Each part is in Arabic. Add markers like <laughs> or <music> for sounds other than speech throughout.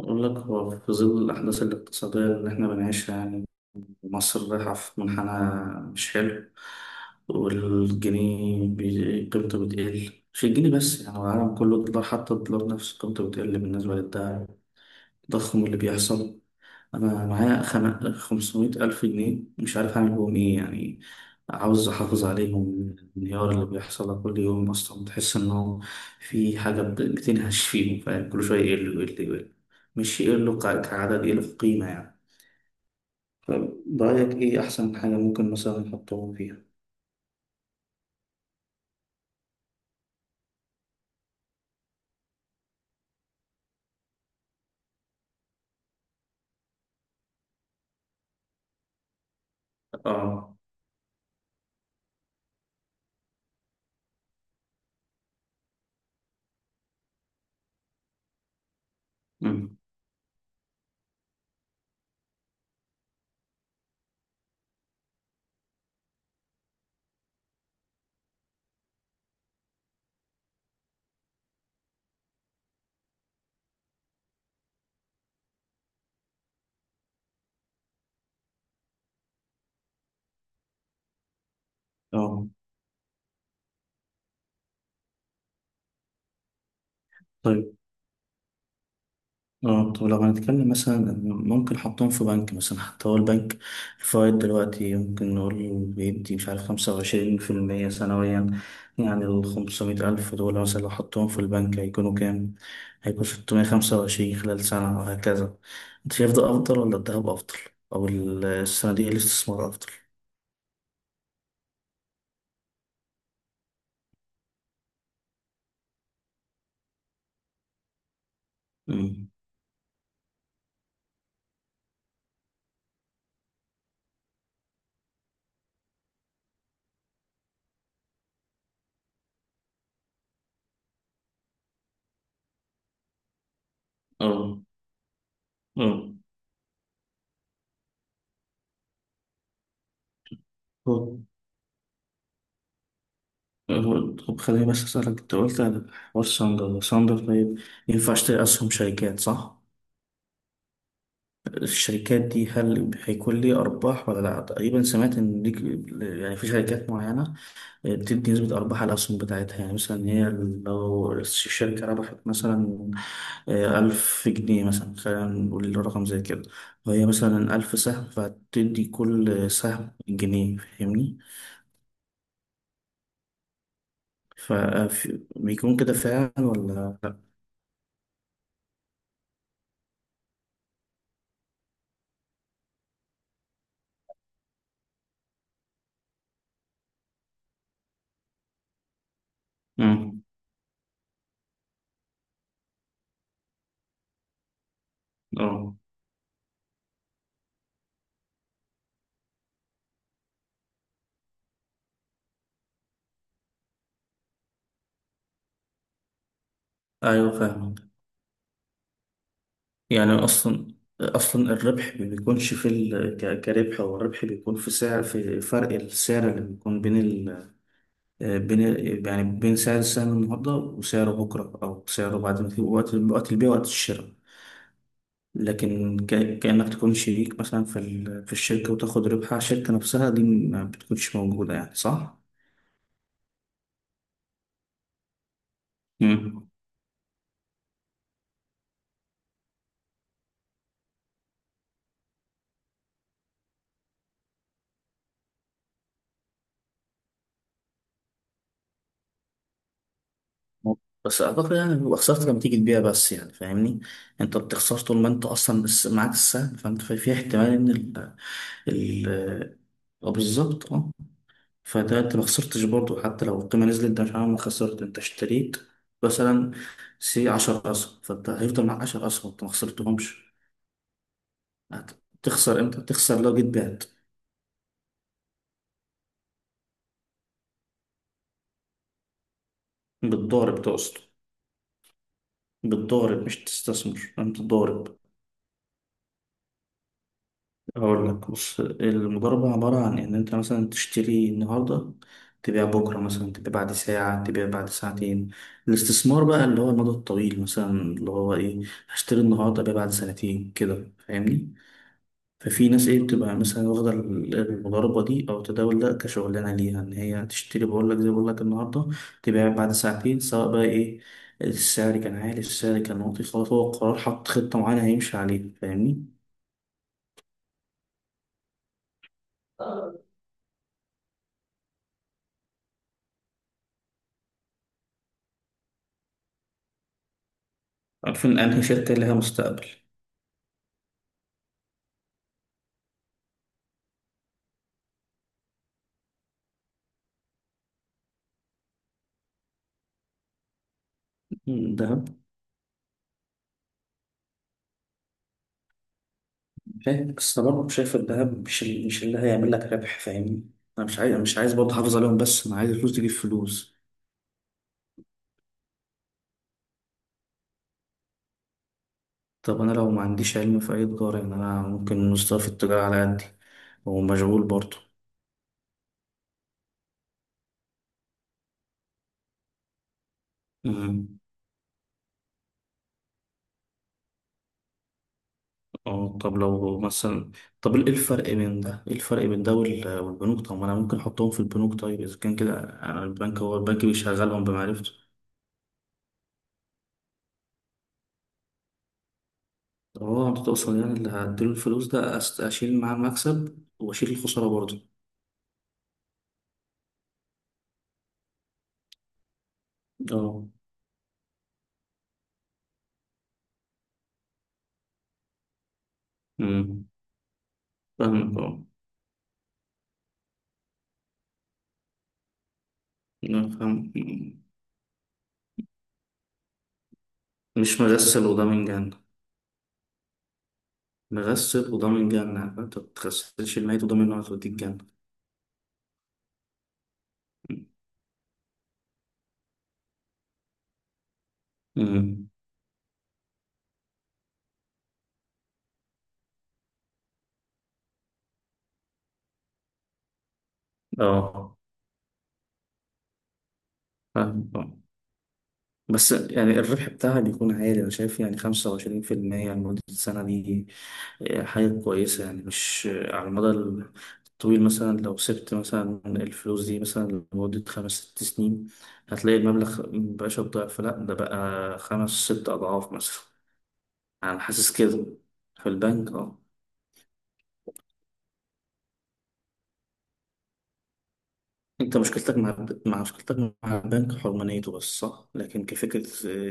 أقول لك، هو في ظل الأحداث الاقتصادية اللي إحنا بنعيشها يعني مصر رايحة في منحنى مش حلو، والجنيه قيمته بتقل، مش الجنيه بس يعني العالم كله، الدولار حتى الدولار نفسه قيمته بتقل بالنسبة للدعم، التضخم اللي بيحصل. أنا معايا 500000 جنيه مش عارف أعمل بهم إيه يعني، عاوز أحافظ عليهم من الانهيار اللي بيحصل ده كل يوم. أصلا بتحس إنه في حاجة بتنهش فيهم، فاهم؟ كل شوية يقل يقل يقل، مش يقل كعدد، يقل في قيمة يعني. فرأيك إيه أحسن حاجة ممكن مثلا نحطهم فيها؟ آه. أمم. آه. طيب. اه، طب لو هنتكلم مثلا إن ممكن حطهم في بنك مثلا، حتى هو البنك الفوائد دلوقتي ممكن نقول بيدي مش عارف 25% سنويا يعني. الخمسمية ألف دول مثلا لو حطهم في البنك هيكونوا كام؟ هيكون 625 خلال سنة وهكذا. أنت شايف ده أفضل ولا الذهب أفضل؟ أو الصناديق الاستثمار أفضل؟ مم. اه اه. هو- طب خليني بس أسألك، أنت قلت على حوار ساندر. طيب، ينفع أشتري أسهم شركات صح؟ الشركات دي هل هيكون لي أرباح ولا لأ؟ تقريبا سمعت إن ليك يعني في شركات معينة، آه، بتدي نسبة أرباح على الأسهم بتاعتها. يعني مثلا هي لو الشركة ربحت مثلا آه، 1000 جنيه مثلا، خلينا نقول رقم زي كده، وهي مثلا 1000 سهم، فهتدي كل سهم جنيه، فاهمني؟ فبيكون كده فعلا ولا لأ؟ مم. اه. أيوه فاهم. يعني اصلا الربح ما بيكونش كربح، هو الربح بيكون في سعر، في فرق السعر اللي بيكون يعني بين سعر السهم النهارده وسعره بكره، او سعره بعد، ما في وقت، وقت البيع، وقت الشراء. لكن كانك تكون شريك مثلا في الشركه وتاخد ربح على الشركه نفسها، دي ما بتكونش موجوده يعني، صح؟ مم. بس اعتقد يعني بيبقى خسارتك لما تيجي تبيع بس يعني، فاهمني؟ انت بتخسر طول ما انت اصلا بس معاك السهم، فانت في احتمال ان ال- اه، بالظبط اه. فده انت ما خسرتش برضه، حتى لو القيمة نزلت انت مش عامل خسرت، انت اشتريت مثلا سي 10 أسهم، فانت هيفضل معاك 10 أسهم، انت ما خسرتهمش. هتخسر امتى؟ تخسر لو جيت بعت. بالضارب تقصد؟ بالضارب مش تستثمر، انت ضارب. هقول لك، بص المضاربة عبارة عن إن أنت مثلا تشتري النهاردة تبيع بكرة، مثلا تبيع بعد ساعة، تبيع بعد ساعتين. الاستثمار بقى اللي هو المدى الطويل مثلا، اللي هو إيه، هشتري النهاردة أبيع بعد سنتين كده، فاهمني. ففي ناس إيه بتبقى مثلا واخدة المضاربة دي أو التداول ده كشغلانة ليها، إن هي تشتري، بقول لك زي ما بقول لك، النهاردة تبيع بعد ساعتين، سواء بقى إيه، السعر كان عالي السعر كان واطي، خلاص، هو القرار، حط خطة معينة هيمشي عليها، فاهمني. عارفين أنهي شركة لها مستقبل. الذهب. فاهم، بس انا برضه شايف الذهب مش اللي هيعمل لك ربح، فاهمني. انا مش عايز أنا مش عايز برضه احافظ عليهم بس، انا عايز الفلوس تجيب فلوس. طب انا لو ما عنديش علم في اي تجاره يعني، انا ممكن مستوى في التجاره على قدي، ومشغول برضه. أمم. اه. طب لو مثلا طب ايه الفرق بين ده، والبنوك؟ طب ما انا ممكن احطهم في البنوك، طيب اذا كان كده انا البنك هو البنك بيشغلهم بمعرفته. طب هو انت تقصد يعني اللي هديله الفلوس ده، اشيل معاه المكسب واشيل الخساره برضه؟ اه. مم. فاهمك اه. أنا فاهم. مش مغسل وده من جنة. مغسل وده من جنة، فأنت ما بتغسلش الميت وده منه هتوديك جنة. مم. اه فاهم اه. بس يعني الربح بتاعها بيكون عالي، أنا شايف يعني 25% لمدة سنة دي آه، حاجة كويسة يعني، مش آه، على المدى الطويل، مثلا لو سبت مثلا الفلوس دي مثلا لمدة خمس ست سنين هتلاقي المبلغ مبقاش الضعف، لأ ده بقى خمس ست أضعاف مثلا. انا حاسس كده. في البنك اه. انت مشكلتك مع مشكلتك مع البنك حرمانيته بس، صح. لكن كفكرة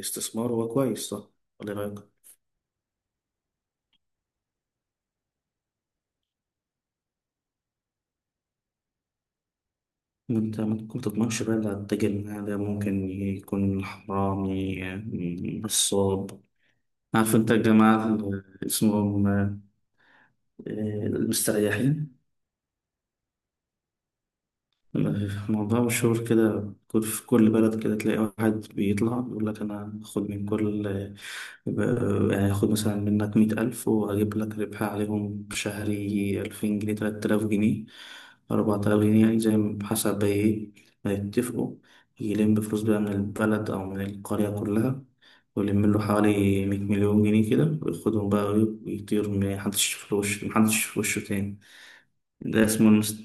استثمار هو كويس، صح ولا إيه رايك؟ انت ممكن تضمنش بقى اللي هتتاجر معاه ده، ممكن يكون حرامي آه، نصاب. عارف انت الجماعة اللي اسمهم آه، المستريحين؟ موضوع مشهور كده، في كل بلد كده تلاقي واحد بيطلع يقول لك، انا هاخد من كل يعني هاخد مثلا منك 100000 وأجيب لك ربح عليهم شهري، 2000 جنيه، 3000 جنيه، 4000 جنيه، يعني زي ما- حسب إيه ما يتفقوا. يلم فلوس بقى من البلد أو من القرية كلها، ويلم له حوالي 100 مليون جنيه كده، وياخدهم بقى ويطير، محدش يشوف له وشه، محدش يشوف وشه تاني. ده اسمه المست...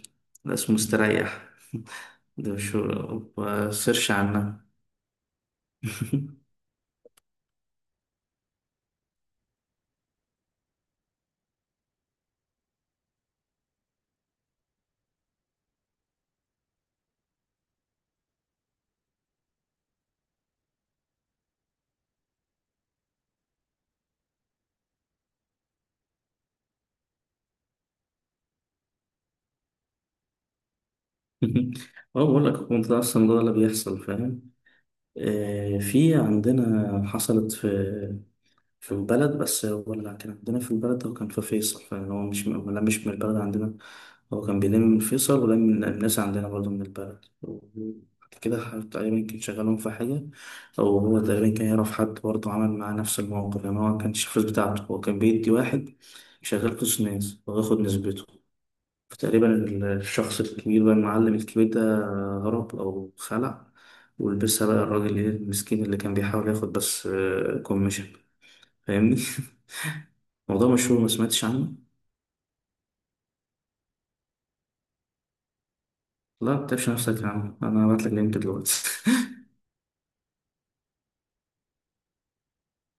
ده اسمه مستريح. <laughs> ده مش هو- سيرش عنها. <laughs> اه، بقول لك هو ده اصلا ده اللي بيحصل، فاهم. آه، في عندنا حصلت في البلد، بس هو اللي كان عندنا في البلد هو كان في فيصل، فهو مش م- لا مش من البلد عندنا. هو كان بيلم من فيصل ولم من الناس عندنا برضه من البلد، وبعد كده تقريبا كان شغالهم في حاجة، أو هو تقريبا كان يعرف حد برضه عمل معاه نفس الموقف، يعني هو ما كانش الفلوس بتاعته، هو كان بيدي واحد شغال فلوس ناس وياخد نسبته. فتقريبا الشخص الكبير بقى، المعلم الكبير ده، هرب أو خلع، ولبسها بقى الراجل إيه المسكين اللي كان بيحاول ياخد بس كوميشن، فاهمني؟ <laughs> موضوع مشهور، ما سمعتش عنه؟ لا ما تتعبش نفسك يا عم، أنا هبعتلك لينك دلوقتي. <laughs>